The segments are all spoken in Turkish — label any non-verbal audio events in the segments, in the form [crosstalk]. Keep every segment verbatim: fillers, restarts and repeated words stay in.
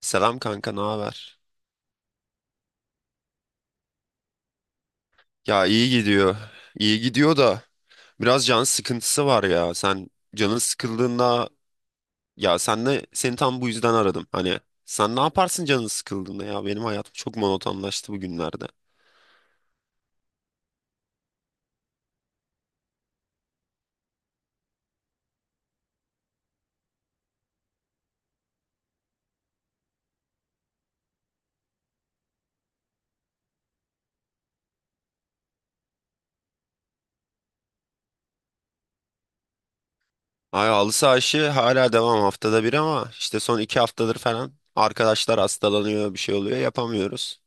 Selam kanka, ne haber? Ya, iyi gidiyor. İyi gidiyor da biraz can sıkıntısı var ya. Sen canın sıkıldığında Ya, senle seni tam bu yüzden aradım. Hani sen ne yaparsın canın sıkıldığında ya? Benim hayatım çok monotonlaştı bugünlerde. Ay, halı saha işi hala devam, haftada bir, ama işte son iki haftadır falan arkadaşlar hastalanıyor, bir şey oluyor, yapamıyoruz.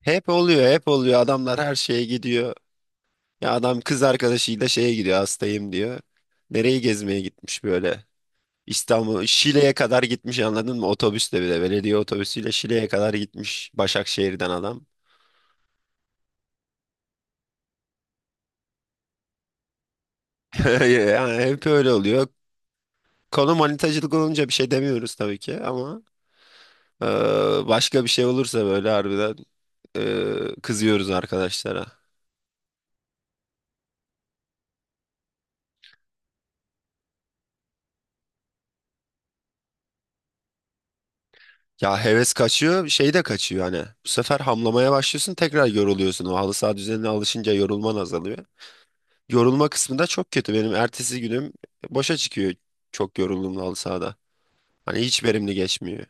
Hep oluyor, hep oluyor, adamlar her şeye gidiyor. Ya, adam kız arkadaşıyla şeye gidiyor, hastayım diyor. Nereyi gezmeye gitmiş böyle? İstanbul Şile'ye kadar gitmiş, anladın mı? Otobüsle bile, belediye otobüsüyle Şile'ye kadar gitmiş Başakşehir'den adam. [laughs] Yani hep öyle oluyor. Konu manitacılık olunca bir şey demiyoruz tabii ki ama e, başka bir şey olursa böyle harbiden e, kızıyoruz arkadaşlara. Ya, heves kaçıyor, şey de kaçıyor hani. Bu sefer hamlamaya başlıyorsun, tekrar yoruluyorsun. O halı saha düzenine alışınca yorulman azalıyor. Yorulma kısmında çok kötü. Benim ertesi günüm boşa çıkıyor çok yorulduğumda halı sahada. Hani hiç verimli geçmiyor.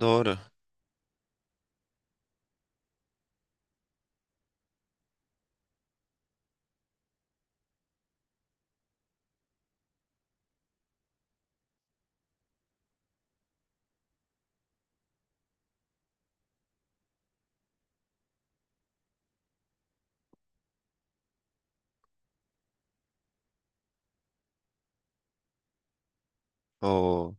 Doğru. Oo,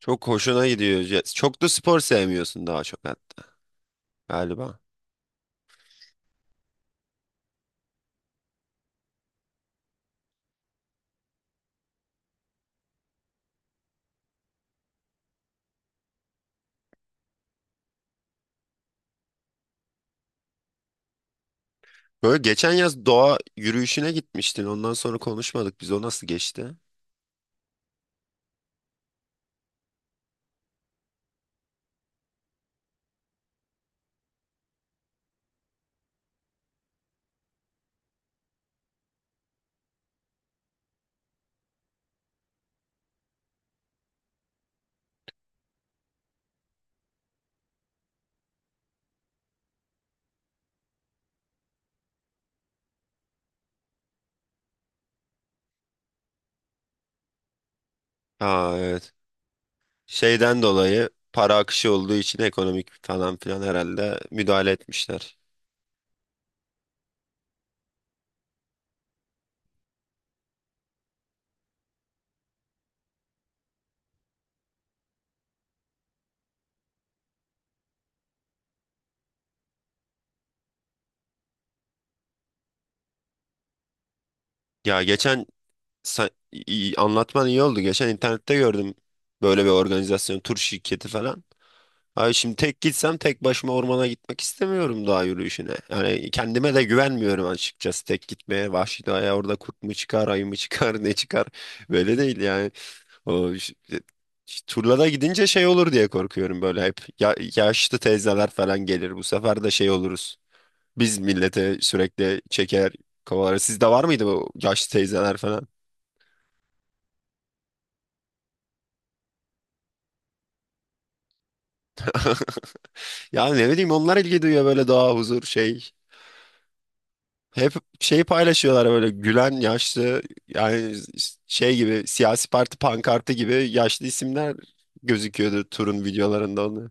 çok hoşuna gidiyor. Ya, çok da spor sevmiyorsun, daha çok hatta galiba. Böyle geçen yaz doğa yürüyüşüne gitmiştin. Ondan sonra konuşmadık. Biz, o nasıl geçti? Aa, evet. Şeyden dolayı para akışı olduğu için ekonomik falan filan herhalde müdahale etmişler. Ya geçen sa- iyi- Anlatman iyi oldu. Geçen internette gördüm böyle bir organizasyon, tur şirketi falan. Ay, şimdi tek gitsem tek başıma ormana gitmek istemiyorum, dağ yürüyüşüne. Yani kendime de güvenmiyorum açıkçası tek gitmeye. Vahşi doğaya, orada kurt mu çıkar, ayı mı çıkar, [laughs] ne çıkar? Böyle değil yani. O ş- e, ş- Turlara gidince şey olur diye korkuyorum böyle hep. Ya, yaşlı teyzeler falan gelir. Bu sefer de şey oluruz. Biz millete sürekli çeker kovalarız. Sizde var mıydı bu yaşlı teyzeler falan? Ya, ne bileyim, onlar ilgi duyuyor böyle doğa, huzur, şey. Hep şeyi paylaşıyorlar, böyle gülen yaşlı, yani şey gibi, siyasi parti pankartı gibi yaşlı isimler gözüküyordu turun videolarında onu.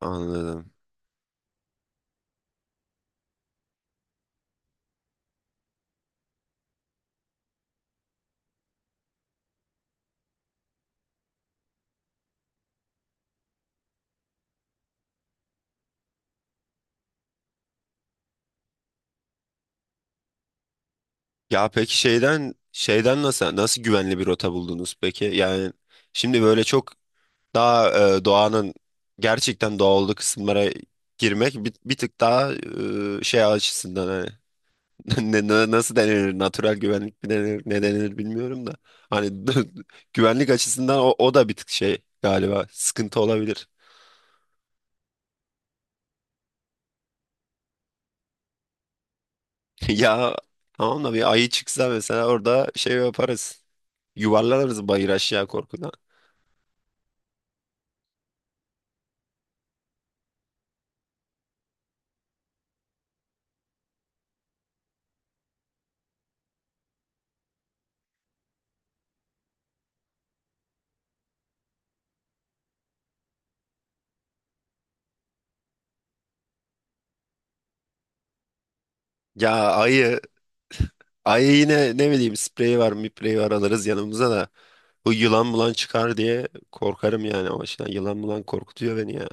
Anladım. Ya peki, şeyden şeyden nasıl nasıl güvenli bir rota buldunuz peki? Yani şimdi böyle çok daha e, doğanın gerçekten doğal olduğu kısımlara girmek bir, bir tık daha e, şey açısından hani. [laughs] Ne, na- nasıl denir? Natural güvenlik mi denir? Ne denir bilmiyorum da. Hani [laughs] güvenlik açısından o, o da bir tık şey galiba. Sıkıntı olabilir. [laughs] Ya, tamam da bir ayı çıksa mesela orada şey yaparız. Yuvarlanırız bayır aşağı korkudan. Ya, ayı, ayı yine ne bileyim, sprey var, mipreyi var, alırız yanımıza da. Bu yılan bulan çıkar diye korkarım yani o başına. Yılan bulan korkutuyor beni ya.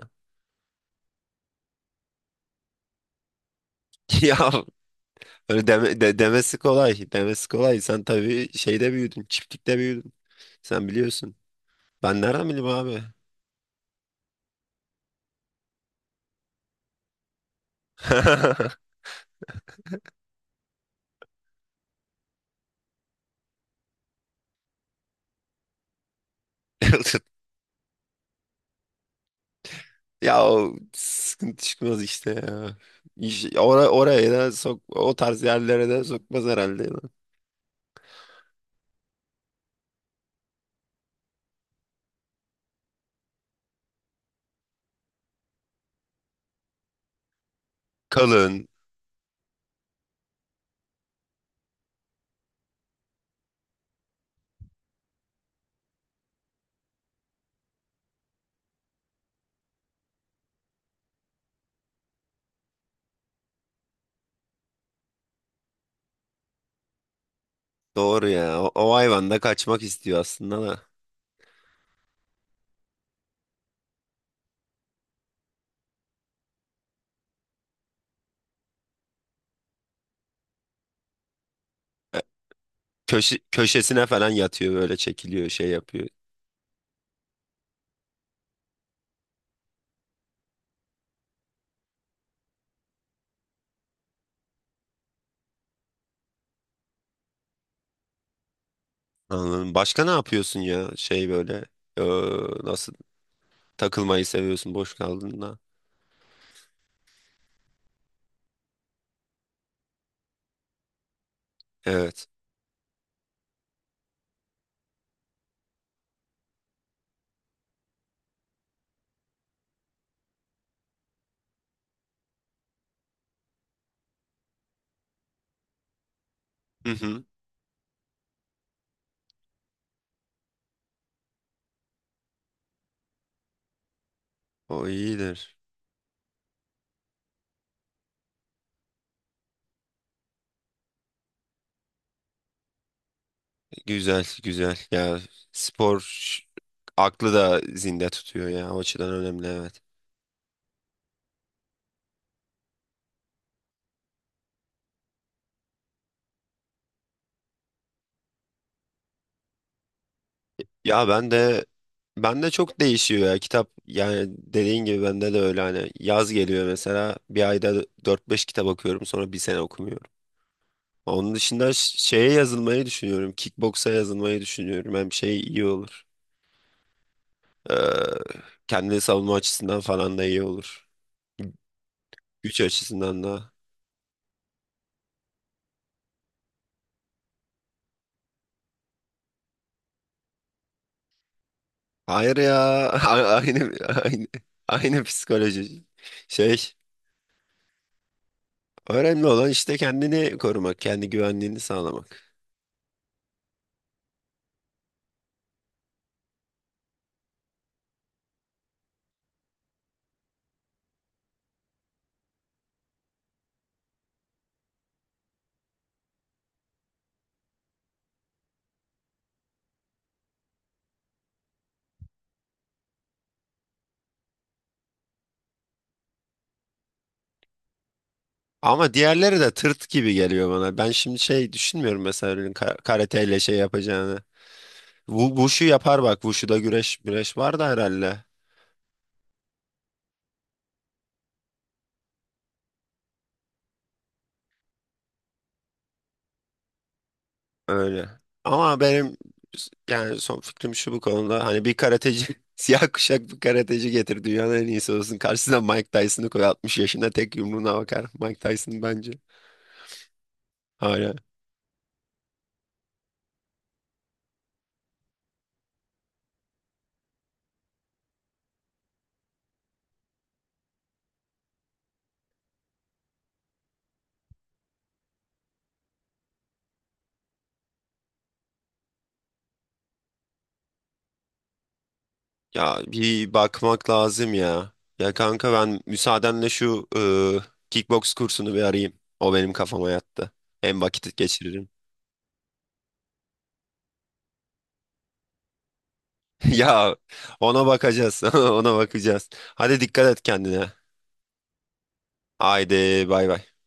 [laughs] Ya, öyle deme- de- demesi kolay. Demesi kolay. Sen tabii şeyde büyüdün. Çiftlikte büyüdün. Sen biliyorsun. Ben nereden bileyim abi? [laughs] Ya, o sıkıntı çıkmaz işte ya. İş, ora- oraya da sok, o tarz yerlere de sokmaz herhalde. Kalın. Doğru ya. O, o hayvan da kaçmak istiyor aslında da. E, Köşe, köşesine falan yatıyor, böyle çekiliyor, şey yapıyor. Anladım. Başka ne yapıyorsun ya şey böyle, e, nasıl takılmayı seviyorsun boş kaldığında? Evet. Hı hı. O iyidir. Güzel güzel ya, spor ş- aklı da zinde tutuyor ya, o açıdan önemli, evet. Ya, ben de ben de çok değişiyor ya kitap yani, dediğin gibi bende de öyle, hani yaz geliyor mesela bir ayda dört beş kitap okuyorum, sonra bir sene okumuyorum. Onun dışında ş- şeye yazılmayı düşünüyorum, kickboksa yazılmayı düşünüyorum, hem şey iyi olur, ee, kendini savunma açısından falan da iyi olur, güç açısından da. Hayır ya. [laughs] A- Aynı aynı aynı psikoloji. Şey, önemli olan işte kendini korumak, kendi güvenliğini sağlamak. Ama diğerleri de tırt gibi geliyor bana. Ben şimdi şey düşünmüyorum, mesela birinin ka- karateyle şey yapacağını. Wu- Wushu yapar bak. Wushu'da güreş güreş var da herhalde. Öyle. Ama benim s- yani son fikrim şu bu konuda. Hani bir karateci, [laughs] siyah kuşak bir karateci getir, dünyanın en iyisi olsun. Karşısına Mike Tyson'ı koy, altmış yaşında tek yumruğuna bakar. Mike Tyson bence. Hala. Ya, bir bakmak lazım ya. Ya kanka, ben müsaadenle şu e, kickbox kursunu bir arayayım. O benim kafama yattı. Hem vakit geçiririm. [laughs] Ya, ona bakacağız. [laughs] Ona bakacağız. Hadi, dikkat et kendine. Haydi, bay bay.